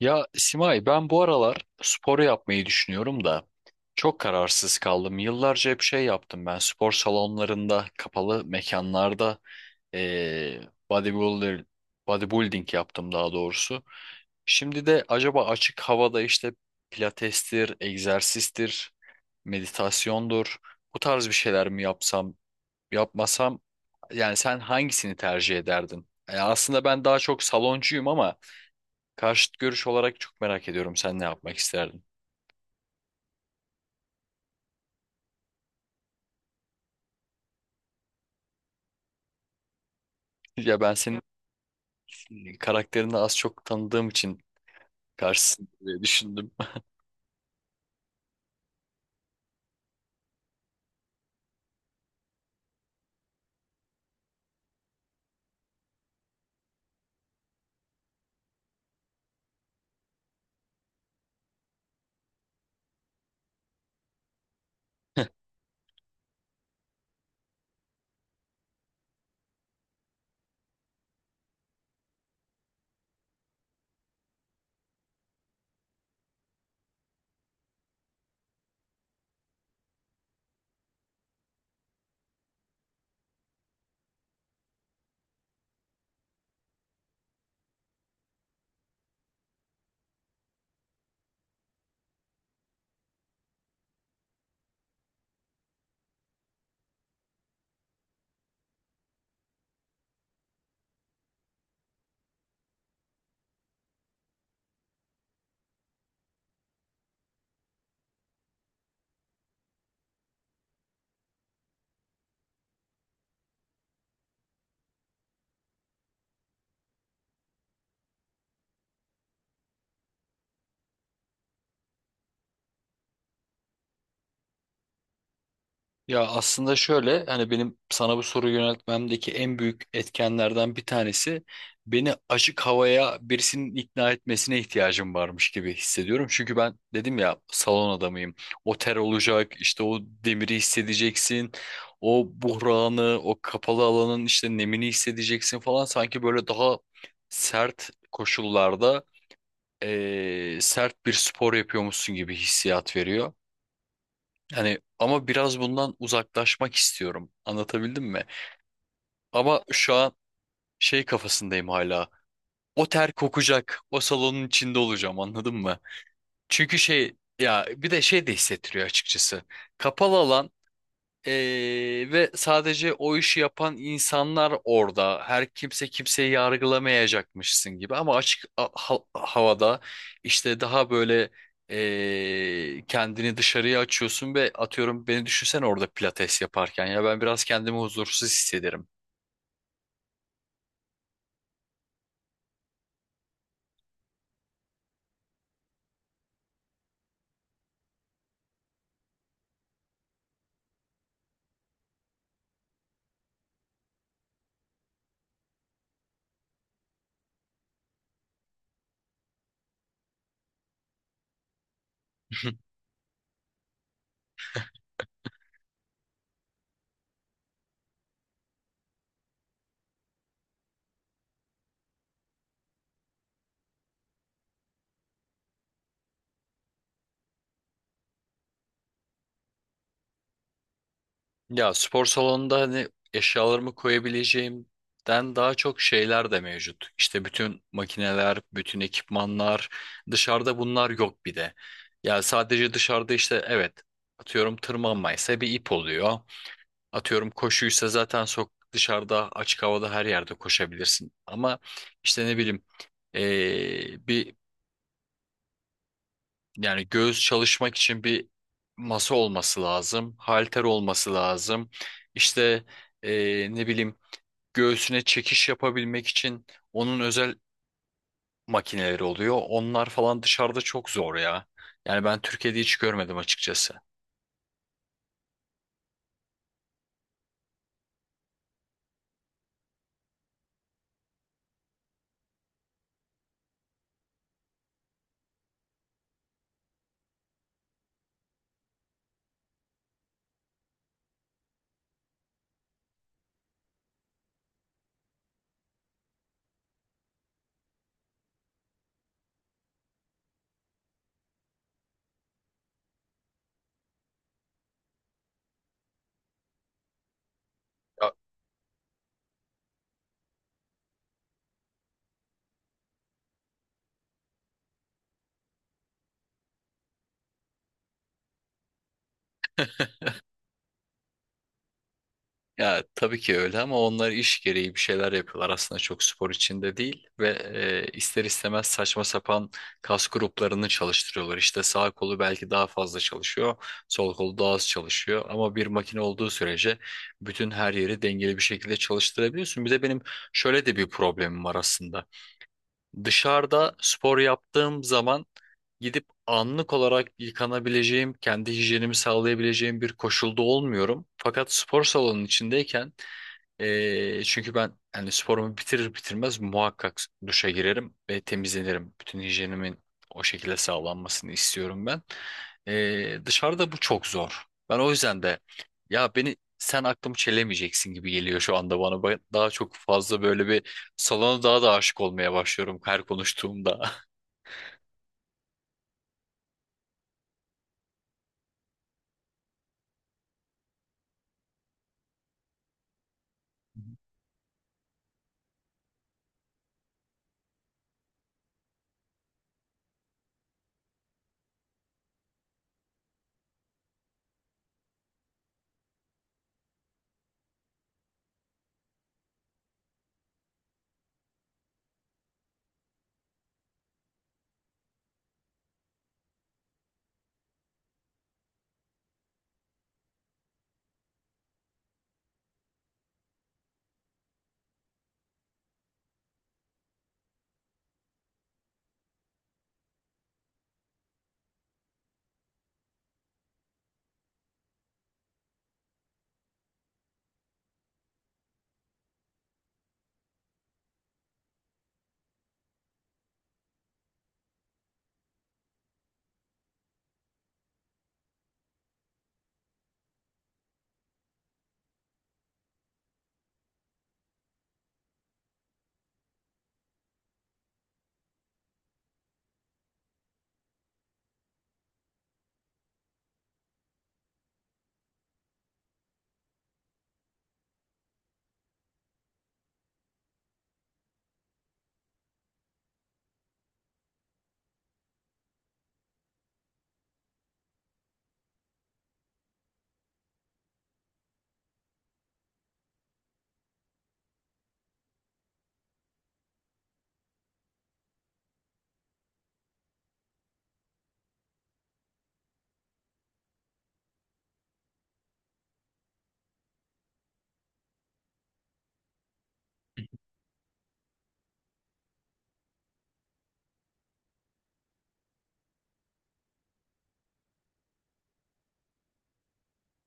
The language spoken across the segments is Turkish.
Ya Simay, ben bu aralar spor yapmayı düşünüyorum da çok kararsız kaldım. Yıllarca hep şey yaptım, ben spor salonlarında, kapalı mekanlarda eee bodybuilder, bodybuilding yaptım daha doğrusu. Şimdi de acaba açık havada işte pilatestir, egzersizdir, meditasyondur, bu tarz bir şeyler mi yapsam yapmasam, yani sen hangisini tercih ederdin? Yani aslında ben daha çok saloncuyum ama karşıt görüş olarak çok merak ediyorum, sen ne yapmak isterdin? Ya ben senin karakterini az çok tanıdığım için karşısın diye düşündüm. Ya aslında şöyle, hani benim sana bu soruyu yöneltmemdeki en büyük etkenlerden bir tanesi, beni açık havaya birisinin ikna etmesine ihtiyacım varmış gibi hissediyorum. Çünkü ben dedim ya, salon adamıyım. O ter olacak, işte o demiri hissedeceksin. O buhranı, o kapalı alanın işte nemini hissedeceksin falan. Sanki böyle daha sert koşullarda sert bir spor yapıyormuşsun gibi hissiyat veriyor. Hani ama biraz bundan uzaklaşmak istiyorum. Anlatabildim mi? Ama şu an şey kafasındayım hala. O ter kokacak, o salonun içinde olacağım, anladın mı? Çünkü şey ya, bir de şey de hissettiriyor açıkçası. Kapalı alan ee, ve sadece o işi yapan insanlar orada. Her kimse kimseyi yargılamayacakmışsın gibi. Ama açık havada işte daha böyle kendini dışarıya açıyorsun ve atıyorum, beni düşünsen orada pilates yaparken, ya ben biraz kendimi huzursuz hissederim. Ya spor salonunda hani eşyalarımı koyabileceğimden daha çok şeyler de mevcut. İşte bütün makineler, bütün ekipmanlar, dışarıda bunlar yok bir de. Ya sadece dışarıda işte evet, atıyorum tırmanmaysa bir ip oluyor. Atıyorum koşuysa zaten sok dışarıda açık havada her yerde koşabilirsin. Ama işte ne bileyim, bir yani göğüs çalışmak için bir masa olması lazım, halter olması lazım. İşte ne bileyim, göğsüne çekiş yapabilmek için onun özel makineleri oluyor. Onlar falan dışarıda çok zor ya. Yani ben Türkiye'de hiç görmedim açıkçası. Ya tabii ki öyle, ama onlar iş gereği bir şeyler yapıyorlar aslında, çok spor içinde değil ve ister istemez saçma sapan kas gruplarını çalıştırıyorlar. İşte sağ kolu belki daha fazla çalışıyor, sol kolu daha az çalışıyor, ama bir makine olduğu sürece bütün her yeri dengeli bir şekilde çalıştırabiliyorsun. Bir de benim şöyle de bir problemim var aslında. Dışarıda spor yaptığım zaman gidip anlık olarak yıkanabileceğim, kendi hijyenimi sağlayabileceğim bir koşulda olmuyorum. Fakat spor salonunun içindeyken çünkü ben hani sporumu bitirir bitirmez muhakkak duşa girerim ve temizlenirim. Bütün hijyenimin o şekilde sağlanmasını istiyorum ben. Dışarıda bu çok zor. Ben o yüzden de, ya beni sen aklımı çelemeyeceksin gibi geliyor şu anda bana. Ben daha çok fazla böyle bir salona daha da aşık olmaya başlıyorum her konuştuğumda.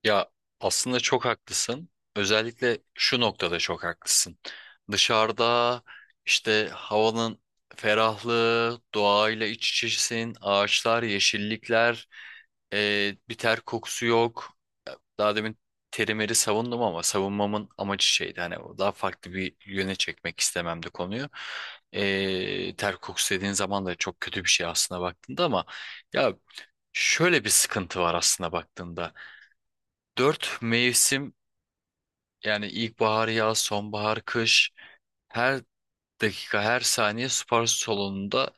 Ya aslında çok haklısın. Özellikle şu noktada çok haklısın. Dışarıda işte havanın ferahlığı, doğayla iç içesin, ağaçlar, yeşillikler, bir ter kokusu yok. Daha demin terimeri savundum ama savunmamın amacı şeydi. Hani o daha farklı bir yöne çekmek istememdi konuyu. Ter kokusu dediğin zaman da çok kötü bir şey aslında baktığında, ama ya şöyle bir sıkıntı var aslında baktığında. Dört mevsim, yani ilkbahar, yaz, sonbahar, kış, her dakika, her saniye spor salonunda,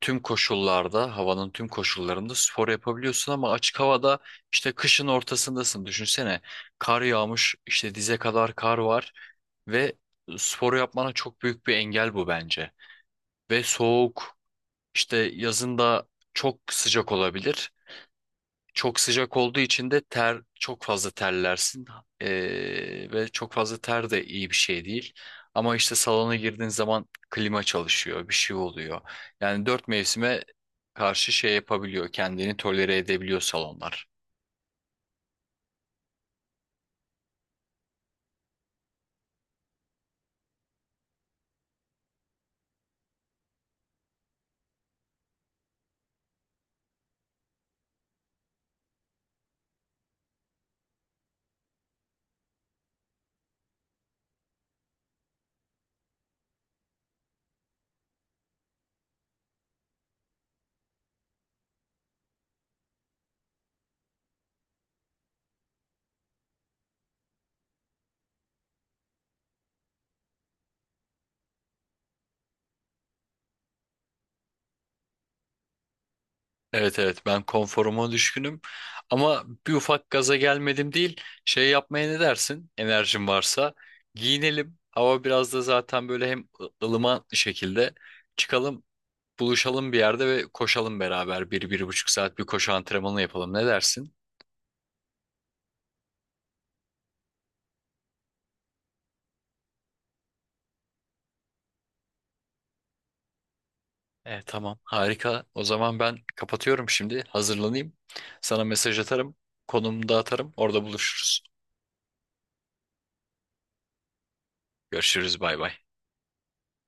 tüm koşullarda, havanın tüm koşullarında spor yapabiliyorsun, ama açık havada işte kışın ortasındasın. Düşünsene, kar yağmış, işte dize kadar kar var ve sporu yapmana çok büyük bir engel bu bence. Ve soğuk, işte yazın da çok sıcak olabilir. Çok sıcak olduğu için de ter çok fazla terlersin. Ve çok fazla ter de iyi bir şey değil. Ama işte salona girdiğin zaman klima çalışıyor, bir şey oluyor. Yani dört mevsime karşı şey yapabiliyor, kendini tolere edebiliyor salonlar. Evet, evet, ben konforuma düşkünüm, ama bir ufak gaza gelmedim değil. Şey yapmaya ne dersin, enerjin varsa giyinelim, hava biraz da zaten böyle hem ılıman şekilde çıkalım, buluşalım bir yerde ve koşalım beraber. 1-1,5 saat bir koşu antrenmanı yapalım. Ne dersin? Tamam, harika. O zaman ben kapatıyorum şimdi. Hazırlanayım. Sana mesaj atarım. Konumu da atarım. Orada buluşuruz. Görüşürüz. Bay bay.